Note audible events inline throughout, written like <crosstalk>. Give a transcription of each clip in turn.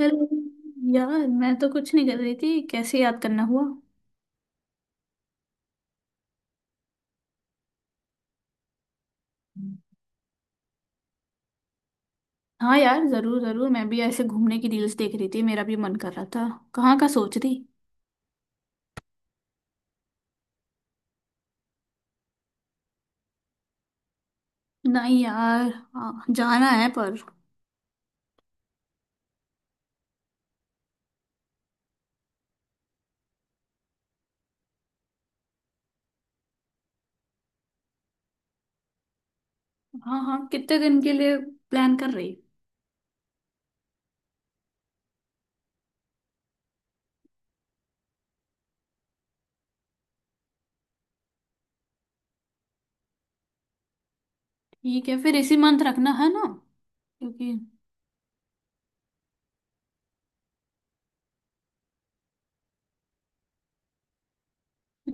Hello. यार मैं तो कुछ नहीं कर रही थी, कैसे याद करना हुआ? हाँ यार, जरूर जरूर मैं भी ऐसे घूमने की रील्स देख रही थी, मेरा भी मन कर रहा था। कहाँ का सोच रही? नहीं यार। हाँ। जाना है पर। हाँ हाँ, कितने दिन के लिए प्लान कर रही? ठीक है, फिर इसी मंथ रखना है ना? क्योंकि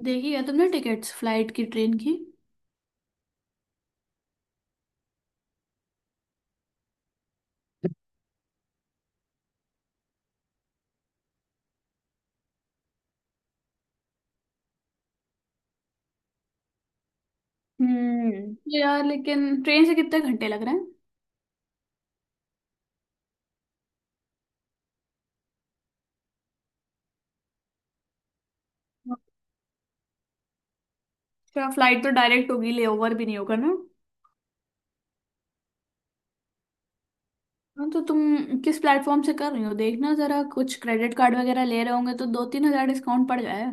देखी है तुमने टिकट्स, फ्लाइट की, ट्रेन की? हम्म। यार लेकिन ट्रेन से कितने घंटे लग रहे हैं? अच्छा, फ्लाइट तो डायरेक्ट होगी, लेओवर भी नहीं होगा ना? हाँ तो तुम किस प्लेटफॉर्म से कर रही हो, देखना जरा। कुछ क्रेडिट कार्ड वगैरह ले रहे होंगे तो दो तीन हजार डिस्काउंट पड़ जाए।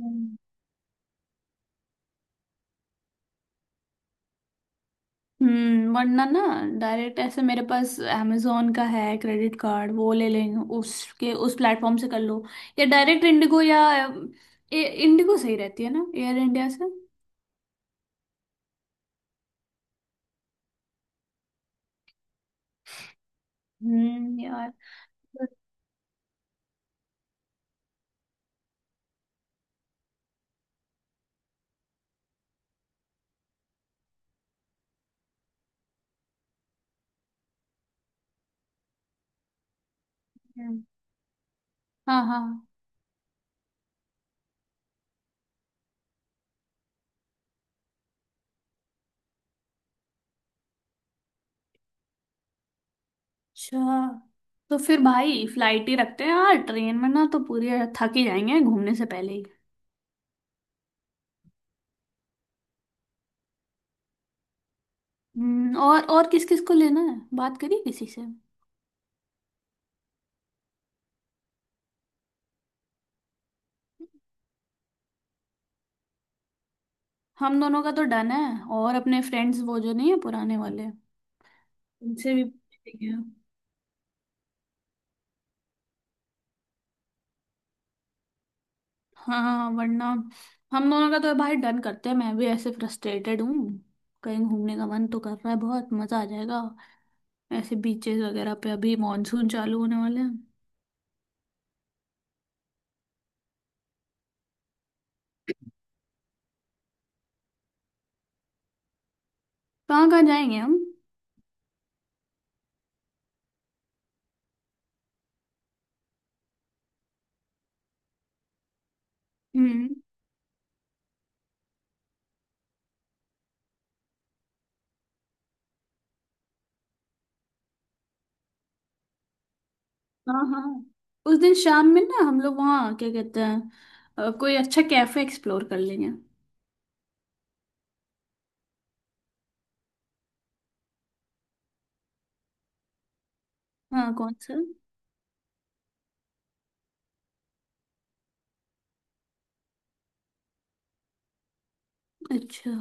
हम्म। हम्म, वरना ना डायरेक्ट ऐसे, मेरे पास amazon का है क्रेडिट कार्ड, वो ले लेंगे। उसके उस प्लेटफॉर्म से कर लो, या डायरेक्ट इंडिगो। या इंडिगो सही रहती है ना एयर इंडिया से? यार। हम्म। हाँ हाँ। अच्छा तो फिर भाई फ्लाइट ही रखते हैं यार, ट्रेन में ना तो पूरी थक ही जाएंगे घूमने से पहले ही। और किस किस को लेना है, बात करिए किसी से। हम दोनों का तो डन है, और अपने फ्रेंड्स वो जो नहीं है पुराने वाले, उनसे भी पूछ लेंगे। हाँ, वरना हम दोनों का तो भाई डन करते हैं। मैं भी ऐसे फ्रस्ट्रेटेड हूँ, कहीं घूमने का मन तो कर रहा है। बहुत मजा आ जाएगा ऐसे बीचेस वगैरह पे, अभी मॉनसून चालू होने वाले हैं। कहाँ कहाँ जाएंगे हम? हम्म। हाँ हाँ, उस दिन शाम में ना हम लोग वहाँ, क्या कहते हैं, कोई अच्छा कैफे एक्सप्लोर कर लेंगे। हाँ, कौन सा? अच्छा।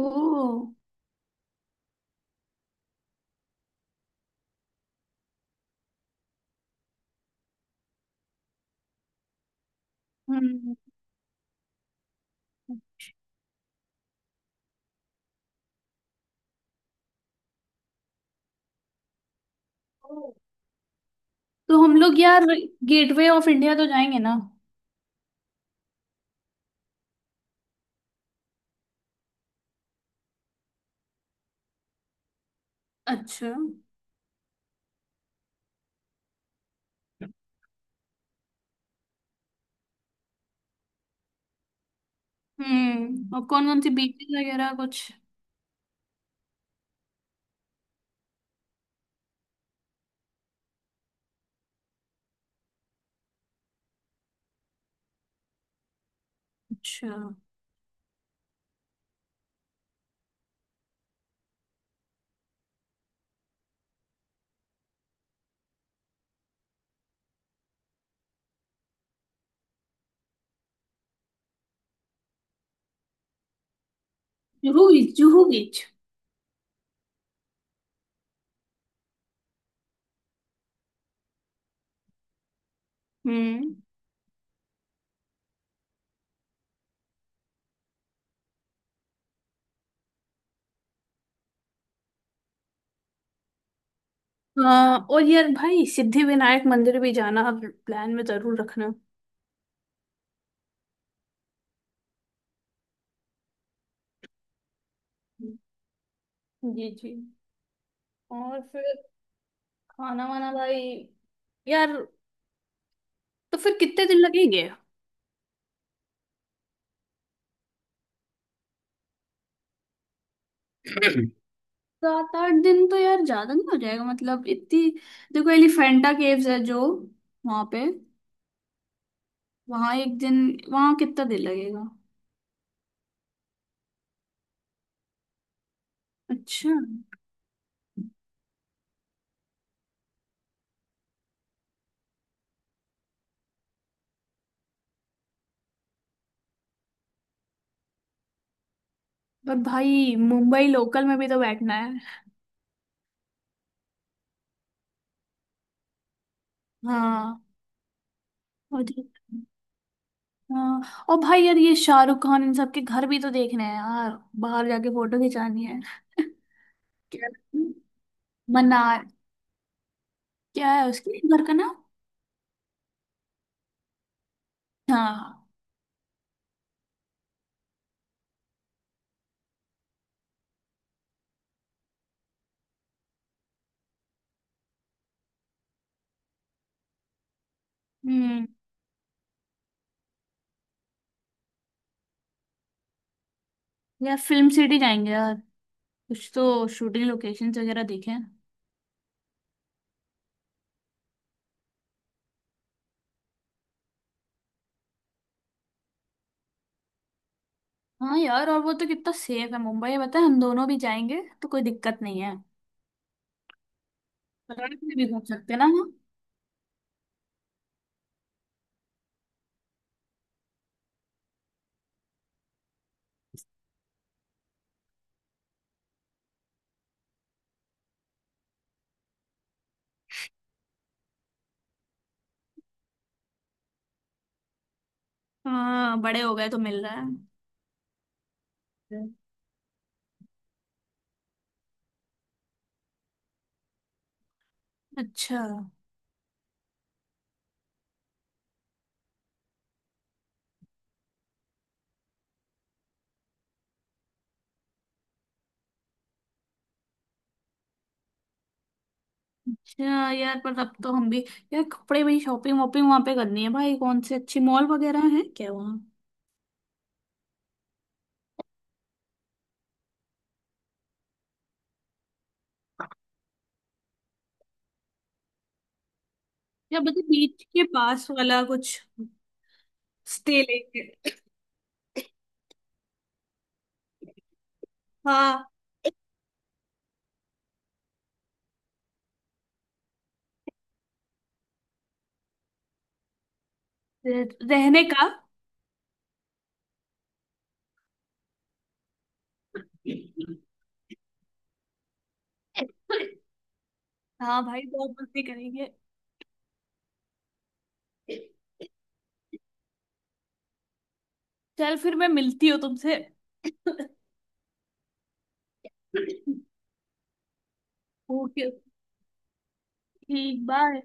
ओह। हम्म। ओ। तो हम लोग यार गेटवे ऑफ इंडिया तो जाएंगे ना? अच्छा। हम्म, और कौन कौन सी बीचेस वगैरह कुछ? अच्छा। जुहू बीच, जुहू बीच। हम्म। हाँ, और यार भाई सिद्धि विनायक मंदिर भी जाना आप, प्लान में जरूर रखना। जी जी। और फिर खाना वाना भाई, यार तो फिर कितने दिन लगेंगे? सात आठ दिन तो यार ज्यादा नहीं हो जाएगा मतलब? इतनी, देखो एलिफेंटा केव्स है जो, वहां पे, वहां एक दिन, वहां कितना दिन लगेगा? अच्छा। पर भाई मुंबई लोकल में भी तो बैठना है। हाँ। और हाँ, और भाई यार ये शाहरुख खान इन सबके घर भी तो देखने हैं यार, बाहर जाके फोटो खिंचानी है। <laughs> क्या? मना। क्या है उसके घर का नाम? हाँ। हम्म। यार फिल्म सिटी जाएंगे यार, कुछ तो शूटिंग लोकेशंस वगैरह देखें। हाँ यार, और वो तो कितना सेफ है मुंबई है, पता है, हम दोनों भी जाएंगे तो कोई दिक्कत नहीं है। रात में भी घूम सकते हैं ना? हाँ, बड़े हो गए तो मिल रहा है। अच्छा। अच्छा यार, पर अब तो हम भी, यार कपड़े भाई, शॉपिंग वॉपिंग वहां पे करनी है भाई, कौन से अच्छे मॉल वगैरह हैं क्या वहाँ? या मतलब बीच के पास वाला कुछ स्टे लेके। हाँ। रहने का। हाँ भाई, बहुत मस्ती करेंगे। चल फिर मैं मिलती हूँ तुमसे। <laughs> ओके। ठीक, बाय।